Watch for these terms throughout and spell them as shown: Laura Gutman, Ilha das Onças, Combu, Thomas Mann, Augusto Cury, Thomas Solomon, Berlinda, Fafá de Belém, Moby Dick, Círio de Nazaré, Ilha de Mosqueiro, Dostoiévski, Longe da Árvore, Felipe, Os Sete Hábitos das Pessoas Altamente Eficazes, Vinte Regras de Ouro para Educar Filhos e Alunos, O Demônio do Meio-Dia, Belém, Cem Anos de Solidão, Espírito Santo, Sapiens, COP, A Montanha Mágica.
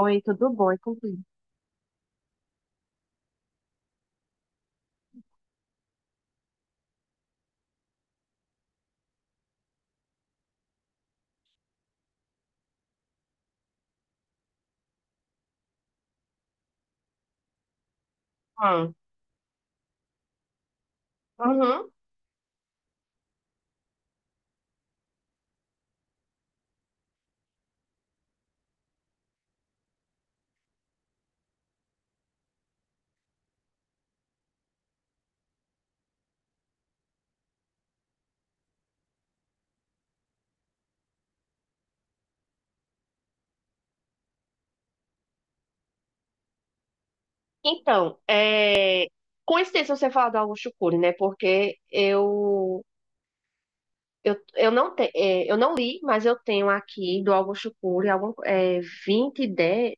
Oi, tudo bom? E contigo? Hum. Uhum. Então, coincidência você falar do Augusto Cury, né? Porque eu, eu não li, mas eu tenho aqui do Augusto Cury algum, 20 ideias.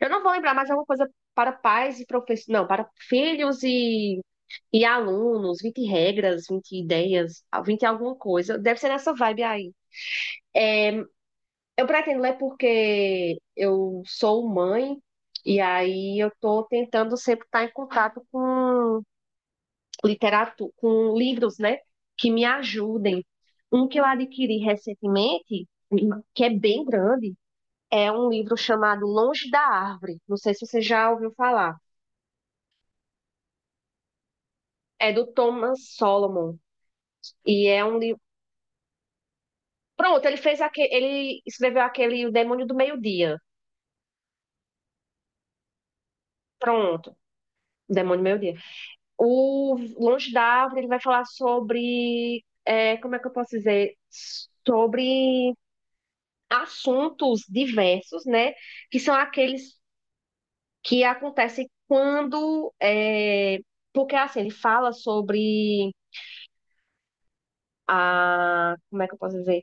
Eu não vou lembrar, mas alguma coisa para pais e professores, não, para filhos e alunos, 20 regras, 20 ideias, 20 alguma coisa. Deve ser nessa vibe aí. É, Eu pretendo ler porque eu sou mãe e aí eu estou tentando sempre estar em contato com literatura, com livros, né, que me ajudem. Um que eu adquiri recentemente, que é bem grande, é um livro chamado Longe da Árvore. Não sei se você já ouviu falar. É do Thomas Solomon e é um livro. Pronto, ele escreveu aquele O Demônio do Meio-Dia. Pronto, O Demônio do Meio-Dia. O Longe da Árvore, ele vai falar sobre, como é que eu posso dizer? Sobre assuntos diversos, né? Que são aqueles que acontecem quando. Porque, assim, ele fala sobre a. Como é que eu posso dizer?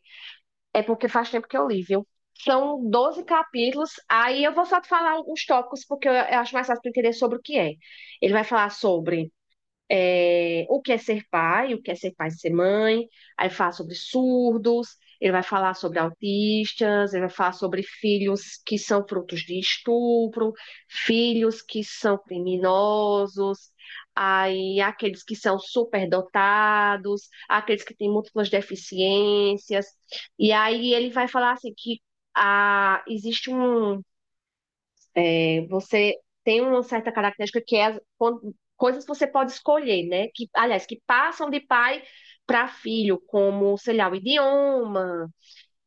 É porque faz tempo que eu li, viu? São 12 capítulos. Aí eu vou só te falar alguns tópicos, porque eu acho mais fácil para entender sobre o que é. Ele vai falar sobre o que é ser pai, o que é ser pai e ser mãe, aí fala sobre surdos, ele vai falar sobre autistas, ele vai falar sobre filhos que são frutos de estupro, filhos que são criminosos, aí aqueles que são superdotados, aqueles que têm múltiplas deficiências, e aí ele vai falar assim que ah, existe um, você tem uma certa característica que é coisas que você pode escolher, né? Que, aliás, que passam de pai para filho, como, sei lá, o idioma,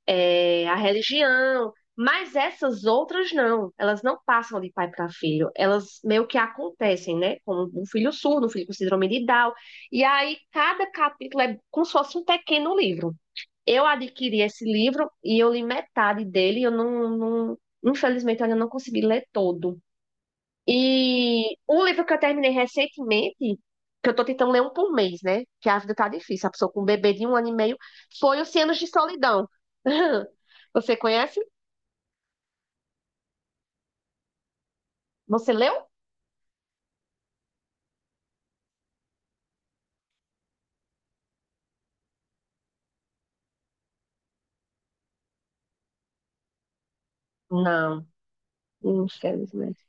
a religião. Mas essas outras não, elas não passam de pai para filho, elas meio que acontecem, né? Como um filho surdo, um filho com síndrome de Down. E aí cada capítulo é como se fosse um pequeno livro. Eu adquiri esse livro e eu li metade dele, eu infelizmente eu ainda não consegui ler todo. E um livro que eu terminei recentemente, que eu tô tentando ler um por mês, né? Que a vida tá difícil, a pessoa com um bebê de 1 ano e meio, foi o Cem Anos de Solidão. Você conhece? Você leu? Não, infelizmente.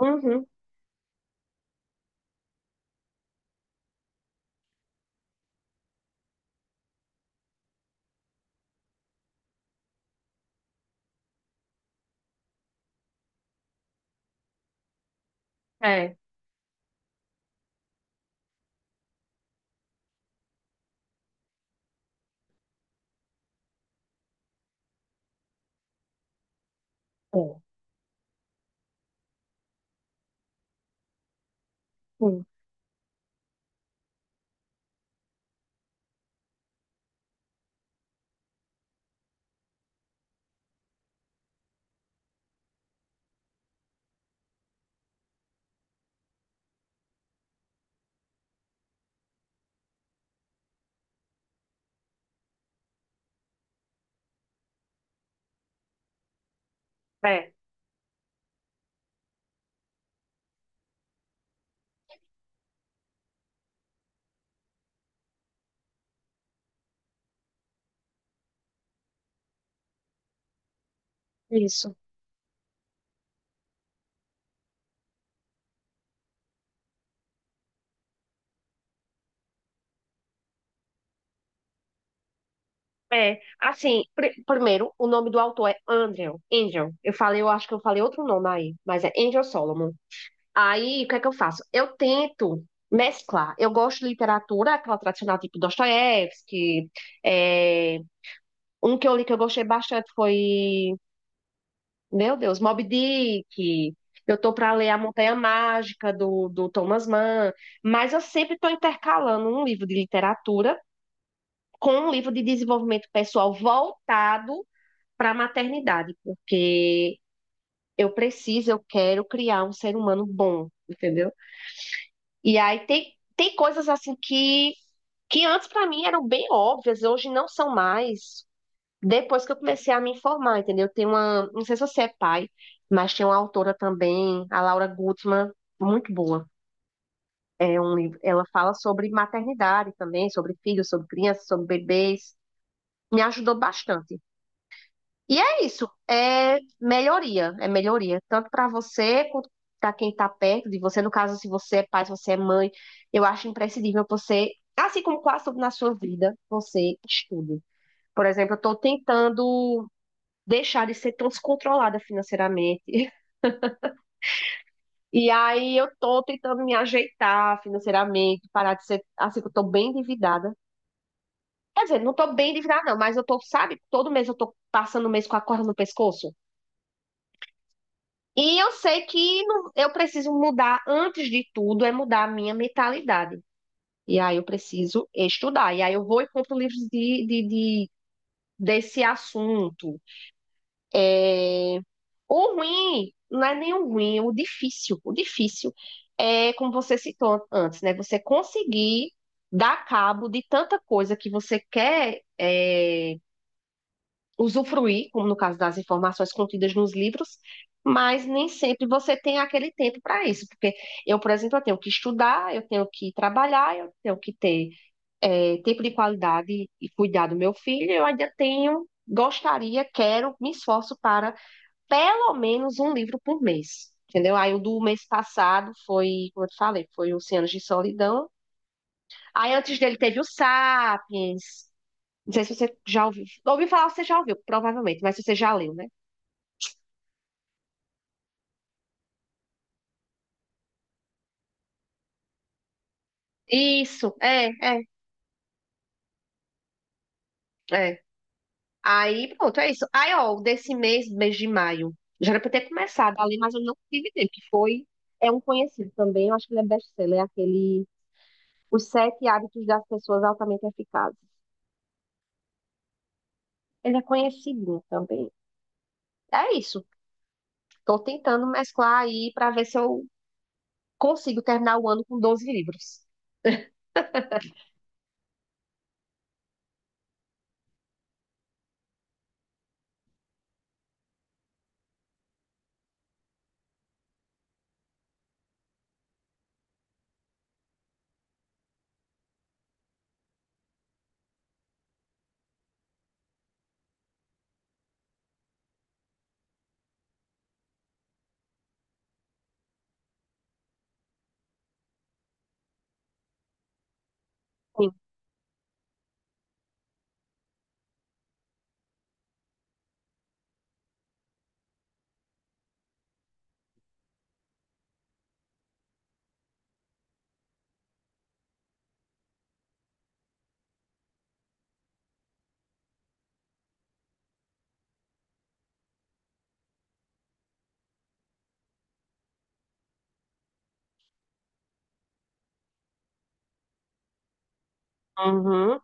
Uhum, é, é, sim, é, isso. Assim, primeiro, o nome do autor é Andrew, Angel. Eu falei, eu acho que eu falei outro nome aí, mas é Angel Solomon. Aí, o que é que eu faço? Eu tento mesclar. Eu gosto de literatura, aquela tradicional, tipo Dostoiévski. é, Um que eu li que eu gostei bastante foi, meu Deus, Moby Dick. Eu tô para ler A Montanha Mágica, do Thomas Mann. Mas eu sempre estou intercalando um livro de literatura com um livro de desenvolvimento pessoal voltado para a maternidade, porque eu preciso, eu quero criar um ser humano bom, entendeu? E aí tem coisas assim que antes para mim eram bem óbvias, hoje não são mais. Depois que eu comecei a me informar, entendeu? Tem uma, não sei se você é pai, mas tem uma autora também, a Laura Gutman, muito boa. É um livro, ela fala sobre maternidade também, sobre filhos, sobre crianças, sobre bebês. Me ajudou bastante. E é isso, é melhoria, tanto para você quanto para quem está perto de você. No caso, se você é pai, se você é mãe, eu acho imprescindível você, assim como quase tudo na sua vida, você estude. Por exemplo, eu estou tentando deixar de ser tão descontrolada financeiramente. E aí eu estou tentando me ajeitar financeiramente, parar de ser assim que eu estou bem endividada. Quer dizer, não estou bem endividada, não, mas eu tô, sabe, todo mês eu estou passando o mês com a corda no pescoço. E eu sei que eu preciso mudar, antes de tudo, é mudar a minha mentalidade. E aí eu preciso estudar. E aí eu vou e compro livros desse assunto. O ruim, não é nem o ruim, é o difícil. O difícil é, como você citou antes, né? Você conseguir dar cabo de tanta coisa que você quer, usufruir, como no caso das informações contidas nos livros, mas nem sempre você tem aquele tempo para isso, porque eu, por exemplo, eu tenho que estudar, eu tenho que trabalhar, eu tenho que ter tempo de qualidade e cuidar do meu filho, eu ainda tenho, gostaria, quero, me esforço para pelo menos um livro por mês. Entendeu? Aí o do mês passado foi, como eu te falei, foi o 100 anos de solidão. Aí antes dele teve o Sapiens. Não sei se você já ouviu. Ouvi falar, você já ouviu, provavelmente, mas se você já leu, né? Isso, é, é. Aí, pronto, é isso. Aí, ó, desse mês, mês de maio, já era pra eu ter começado ali, mas eu não tive tempo, que foi, é um conhecido também, eu acho que ele é best-seller, é aquele, Os Sete Hábitos das Pessoas Altamente Eficazes. Ele é conhecido também. É isso, tô tentando mesclar aí pra ver se eu consigo terminar o ano com 12 livros. Sim. Uhum,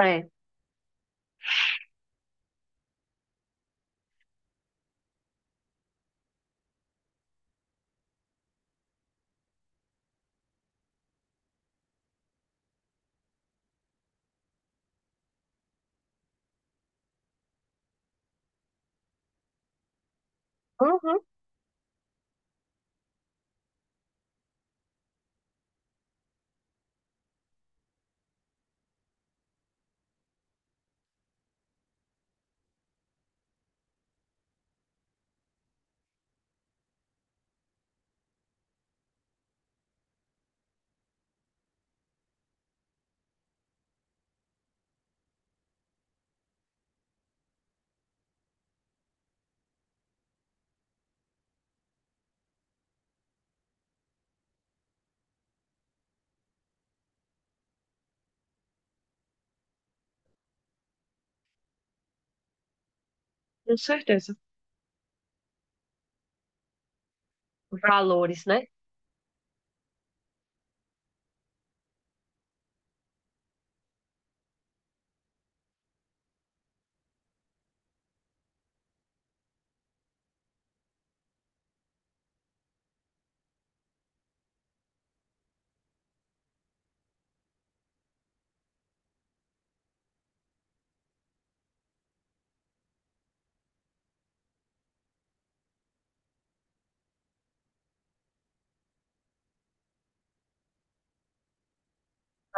é. Uhum, com certeza. Valores, né?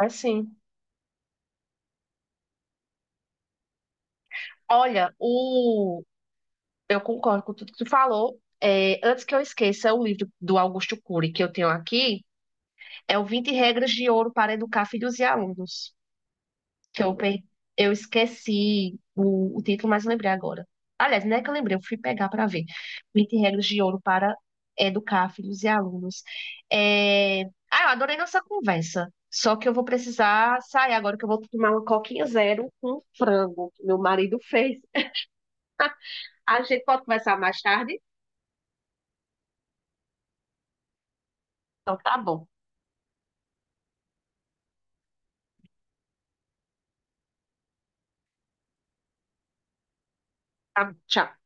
É sim. Olha, o eu concordo com tudo que tu falou. Antes que eu esqueça, o livro do Augusto Cury que eu tenho aqui é o Vinte Regras de Ouro para Educar Filhos e Alunos, que eu, eu esqueci o título, mas eu lembrei agora. Aliás, não é que eu lembrei, eu fui pegar para ver. Vinte Regras de Ouro para Educar Filhos e Alunos. É, Ah, eu adorei nossa conversa. Só que eu vou precisar sair agora, que eu vou tomar uma coquinha zero com frango que meu marido fez. A gente pode conversar mais tarde? Então tá bom. Tá, tchau.